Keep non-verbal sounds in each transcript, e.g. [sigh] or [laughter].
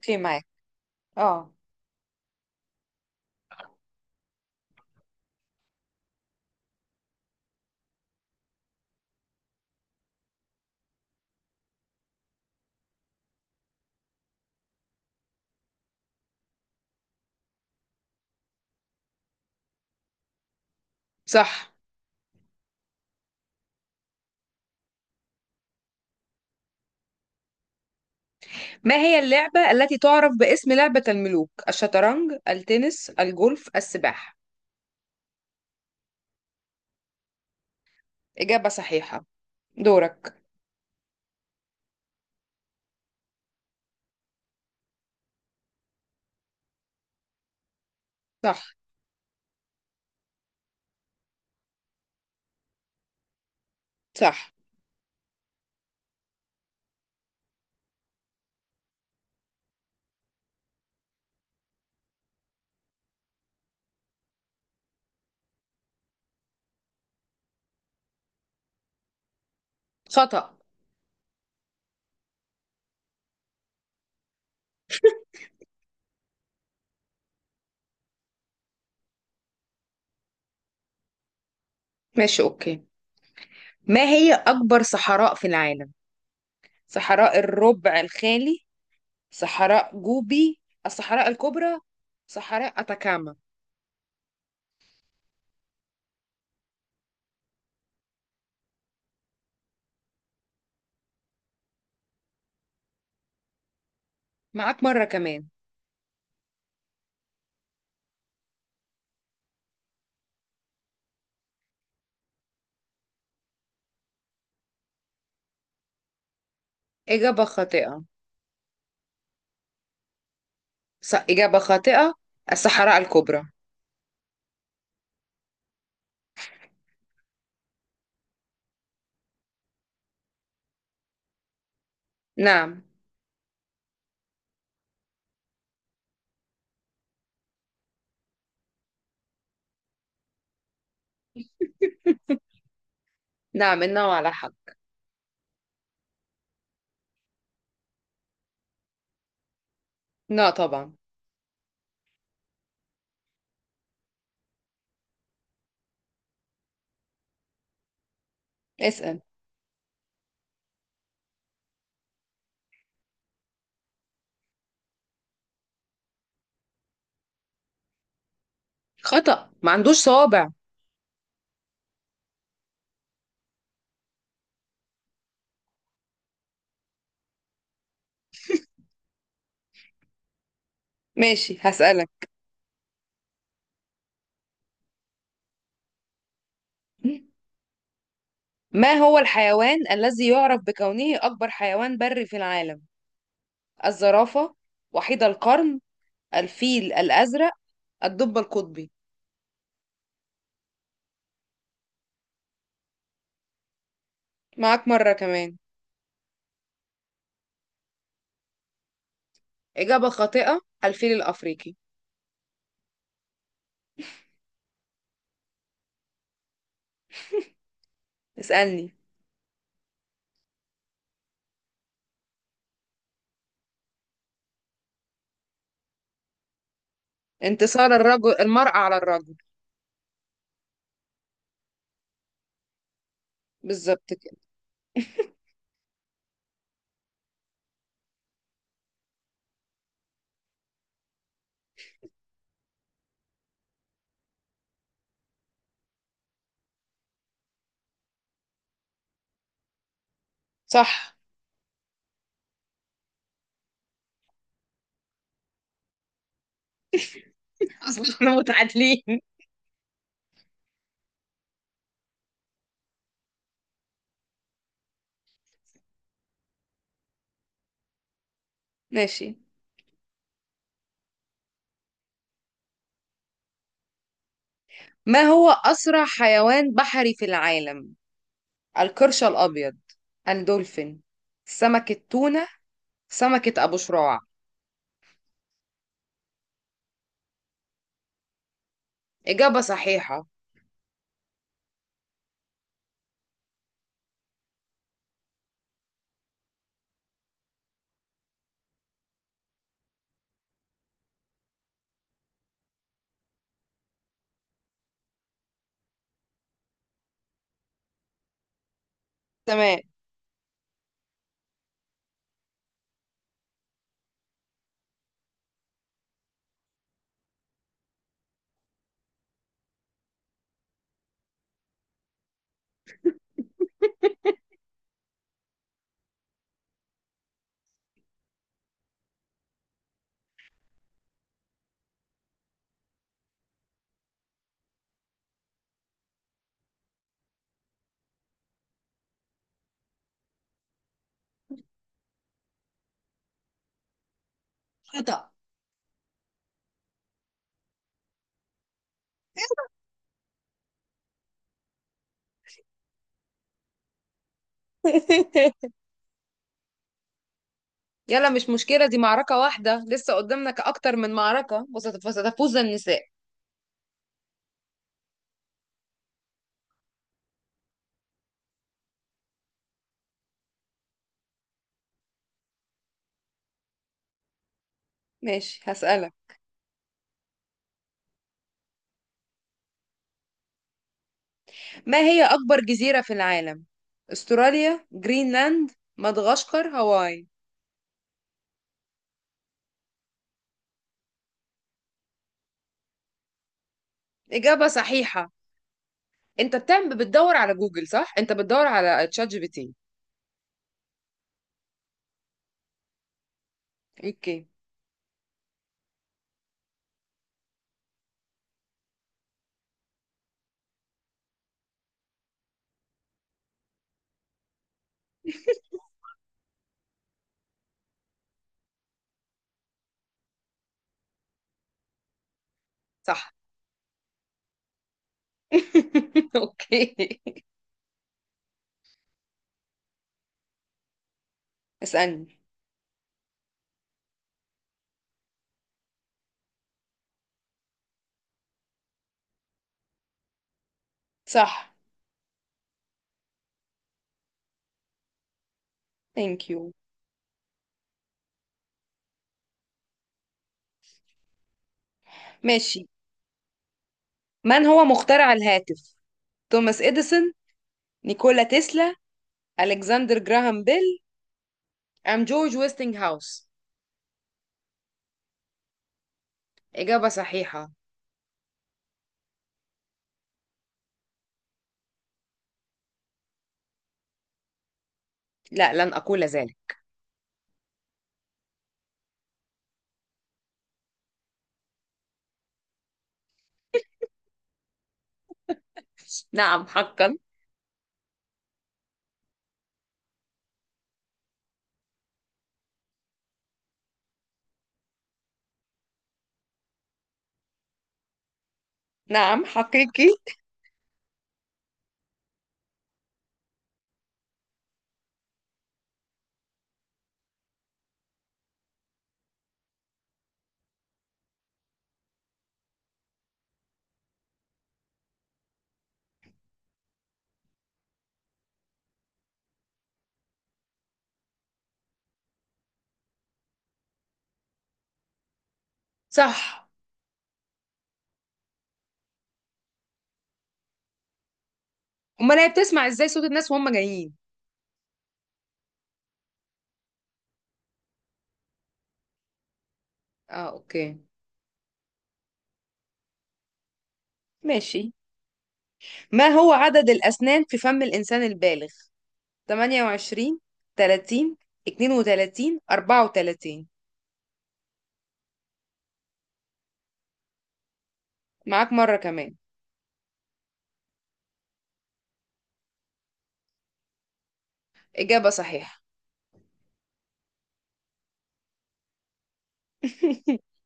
في معاك، اه، صح. ما هي اللعبة التي تعرف باسم لعبة الملوك؟ الشطرنج، التنس، الجولف، السباحة. إجابة صحيحة. دورك. صح. صح. خطأ. ماشي، أوكي. ما هي أكبر صحراء في العالم؟ صحراء الربع الخالي، صحراء جوبي، الصحراء الكبرى، صحراء أتاكاما. معاك مرة كمان. إجابة خاطئة. إجابة خاطئة. الصحراء الكبرى. نعم. نعم، النوع على حق. لا طبعا. اسأل. خطأ، ما عندوش صوابع. ماشي هسألك. ما هو الحيوان الذي يعرف بكونه أكبر حيوان بري في العالم؟ الزرافة، وحيد القرن، الفيل الأزرق، الدب القطبي. معاك مرة كمان. إجابة خاطئة، الفيل الأفريقي. اسألني. انتصار الرجل المرأة على الرجل. بالظبط كده. صح. [laughs] أصلا احنا متعادلين. ماشي. ما هو أسرع حيوان بحري في العالم؟ القرش الأبيض، الدولفين، سمك التونة، سمكة أبو شراع. إجابة صحيحة. تمام. خطأ. [laughs] يلا مش مشكلة، دي معركة واحدة لسه قدامنا أكتر من معركة، وستفوز النساء. ماشي هسألك. ما هي أكبر جزيرة في العالم؟ أستراليا، جرينلاند، مدغشقر، هاواي. إجابة صحيحة. أنت بتعمل، بتدور على جوجل صح؟ أنت بتدور على تشات جي بي تي. أوكي. صح. [laughs] أوكي. اسألني. صح. ثانك يو. ماشي. من هو مخترع الهاتف؟ توماس إديسون، نيكولا تسلا، ألكسندر جراهام بيل، أم جورج ويستنج هاوس. إجابة صحيحة. لا، لن أقول ذلك. نعم حقا. نعم حقيقي. صح. أمال هي بتسمع إزاي صوت الناس وهم جايين؟ آه أوكي. ماشي. ما هو عدد الأسنان في فم الإنسان البالغ؟ 28، 30، 32، 34. معاك مرة كمان. إجابة صحيحة. [laughs]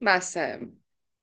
مع السلامة.